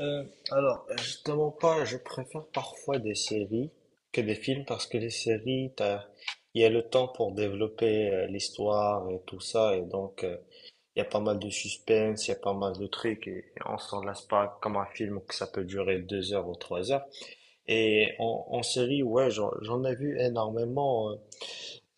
Euh, alors, justement pas, je préfère parfois des séries que des films parce que les séries, il y a le temps pour développer l'histoire et tout ça, et donc il y a pas mal de suspense, il y a pas mal de trucs, et on s'en lasse pas comme un film que ça peut durer 2 heures ou 3 heures. Et en série, ouais, j'en ai vu énormément. euh,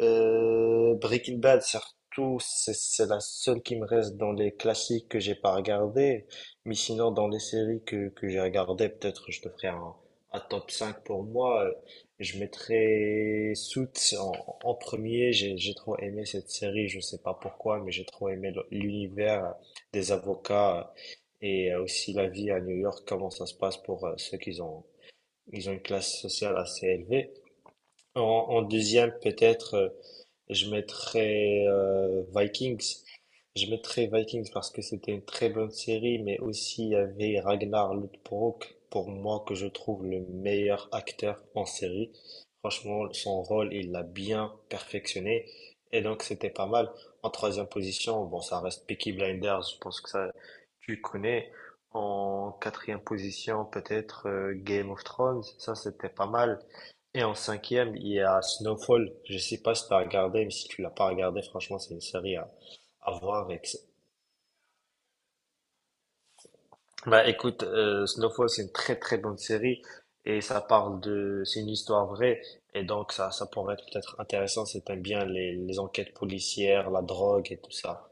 euh, Breaking Bad, surtout, c'est la seule qui me reste dans les classiques que j'ai pas regardé. Mais sinon, dans les séries que j'ai regardées, peut-être je te ferai un top 5 pour moi. Je mettrai Suits en premier. J'ai trop aimé cette série, je sais pas pourquoi, mais j'ai trop aimé l'univers des avocats et aussi la vie à New York, comment ça se passe pour ils ont une classe sociale assez élevée. En deuxième, peut-être, je mettrais Vikings. Je mettrais Vikings parce que c'était une très bonne série, mais aussi il y avait Ragnar Lothbrok, pour moi, que je trouve le meilleur acteur en série. Franchement, son rôle, il l'a bien perfectionné. Et donc, c'était pas mal. En troisième position, bon, ça reste Peaky Blinders, je pense que ça, tu connais. En quatrième position, peut-être Game of Thrones, ça, c'était pas mal. Et en cinquième, il y a Snowfall. Je sais pas si tu as regardé, mais si tu l'as pas regardé, franchement, c'est une série à voir. Avec. Bah écoute, Snowfall, c'est une très très bonne série et ça parle de, c'est une histoire vraie et donc ça pourrait être peut-être intéressant si t'aimes bien les enquêtes policières, la drogue et tout ça.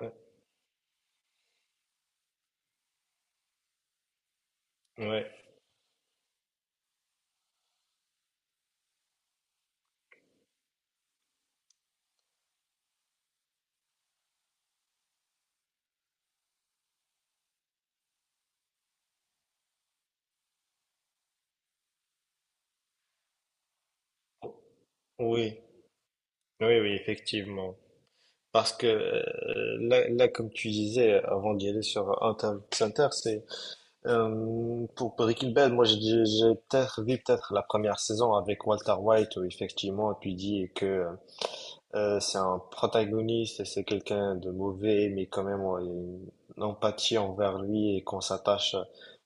Ouais. Ouais. Oui, oui, oui, effectivement. Parce que là, comme tu disais avant d'y aller sur Interview Center, c'est. Pour Breaking Bad, moi j'ai peut-être vu peut-être la première saison avec Walter White où effectivement tu dis que c'est un protagoniste, c'est quelqu'un de mauvais, mais quand même on a une empathie envers lui et qu'on s'attache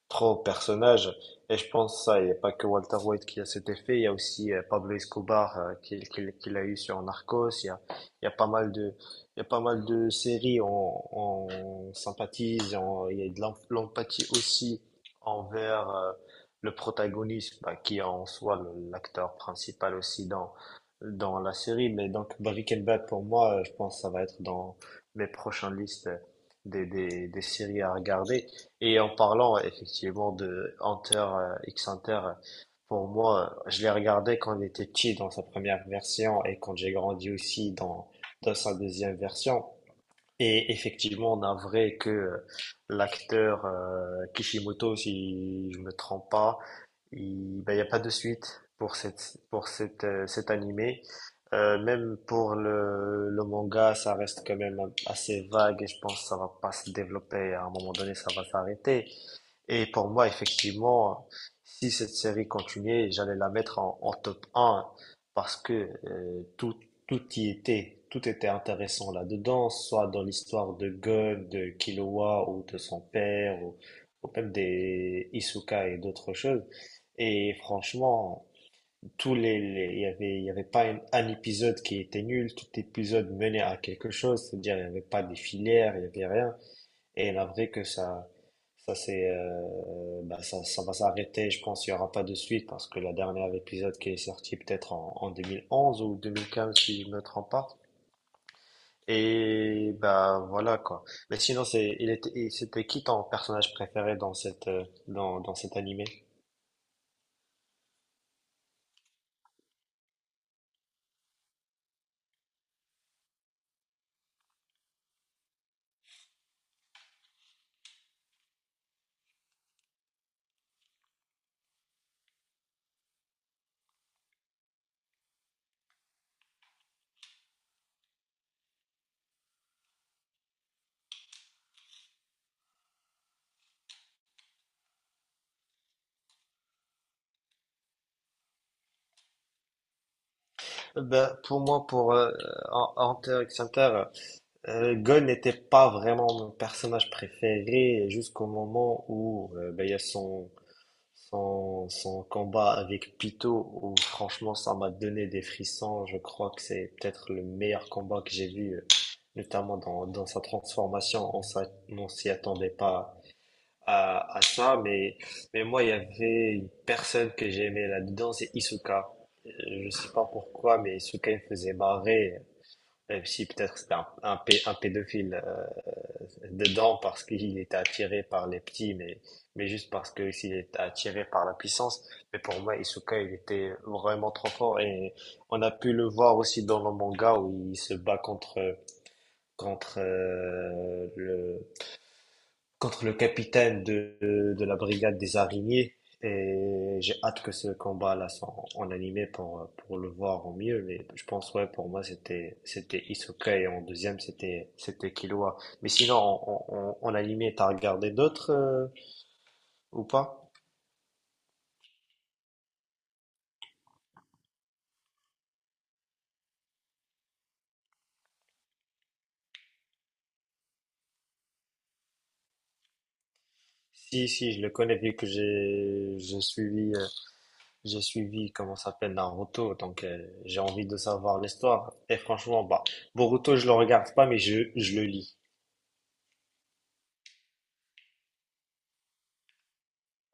trop au personnage. Et je pense ça, il n'y a pas que Walter White qui a cet effet, il y a aussi Pablo Escobar qui l'a eu sur Narcos, il y a pas mal de, il y a pas mal de séries, on sympathise, il y a de l'empathie aussi envers le protagoniste, bah, qui est en soi l'acteur principal aussi dans la série. Mais donc, Breaking Bad, pour moi, je pense que ça va être dans mes prochaines listes des séries à regarder. Et en parlant effectivement de Hunter, X Hunter, pour moi, je l'ai regardé quand il était petit dans sa première version et quand j'ai grandi aussi dans sa deuxième version. Et effectivement, on a vrai que l'acteur Kishimoto, si je me trompe pas, il n'y a pas de suite cet animé. Même pour le manga, ça reste quand même assez vague et je pense que ça va pas se développer. À un moment donné, ça va s'arrêter. Et pour moi, effectivement, si cette série continuait, j'allais la mettre en top un parce que tout y était, tout était intéressant là-dedans, soit dans l'histoire de God, de Killua ou de son père, ou même des Isuka et d'autres choses. Et franchement, tous il y avait pas un épisode qui était nul, tout épisode menait à quelque chose, c'est-à-dire il n'y avait pas des filières, il n'y avait rien. Et la vraie que bah, ça va s'arrêter. Je pense qu'il n'y aura pas de suite parce que la dernière épisode qui est sorti peut-être en 2011 ou 2015 si je me trompe pas. Et bah voilà quoi. Mais sinon c'est, il était, il- c'était qui ton personnage préféré dans dans cet animé? Bah, pour moi, Hunter x Hunter, Gon n'était pas vraiment mon personnage préféré jusqu'au moment où bah, il y a son combat avec Pyto, où franchement ça m'a donné des frissons, je crois que c'est peut-être le meilleur combat que j'ai vu, notamment dans sa transformation. On s'y attendait pas à ça, mais moi il y avait une personne que j'aimais là-dedans, c'est Isuka. Euh, Je sais pas pourquoi, mais Isuka il me faisait marrer, même si peut-être c'était un pédophile. Dedans parce qu'il était attiré par les petits, mais juste parce que s'il était attiré par la puissance. Mais pour moi, Isuka, il était vraiment trop fort et on a pu le voir aussi dans le manga où il se bat contre euh, le, contre le capitaine de la brigade des araignées. Et j'ai hâte que ce combat-là soit en animé pour le voir au mieux. Mais je pense, ouais, pour moi, c'était Hisoka et en deuxième, c'était Killua. Mais sinon, en animé, t'as regardé d'autres ou pas? Si, si, je le connais vu que j'ai suivi, j'ai suivi, comment ça s'appelle, Naruto. Donc, j'ai envie de savoir l'histoire. Et franchement, bah, Boruto, je le regarde pas, mais je le lis.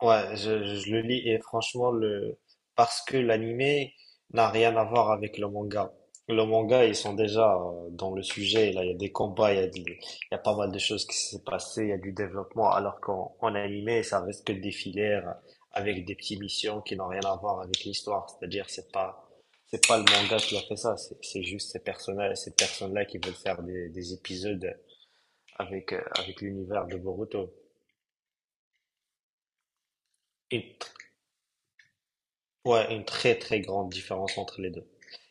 Ouais, je le lis et franchement, le. Parce que l'animé n'a rien à voir avec le manga. Le manga, ils sont déjà dans le sujet. Là, il y a des combats, il y a pas mal de choses qui s'est passé, il y a du développement. Alors qu'en en animé, ça reste que des filaires avec des petites missions qui n'ont rien à voir avec l'histoire. C'est-à-dire, c'est pas le manga qui a fait ça. C'est juste ces personnages, ces personnes-là qui veulent faire des épisodes avec l'univers de Boruto. Et. Ouais, une très très grande différence entre les deux.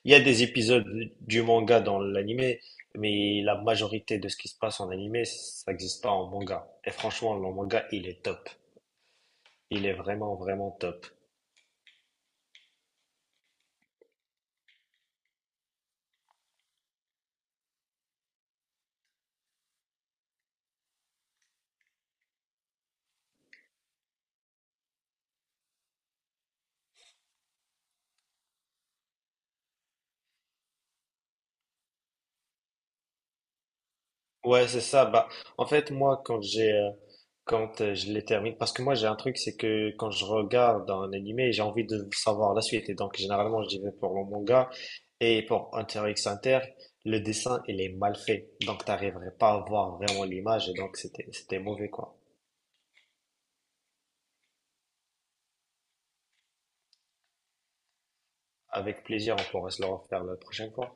Il y a des épisodes du manga dans l'anime, mais la majorité de ce qui se passe en anime, ça n'existe pas en manga. Et franchement, le manga, il est top. Il est vraiment vraiment top. Ouais, c'est ça. Bah, en fait, moi, quand je les termine, parce que moi, j'ai un truc, c'est que quand je regarde un animé, j'ai envie de savoir la suite. Et donc, généralement, j'y vais pour le manga et pour Hunter x Hunter, le dessin, il est mal fait. Donc, t'arriverais pas à voir vraiment l'image. Et donc, c'était mauvais, quoi. Avec plaisir, on pourra se le refaire la prochaine fois.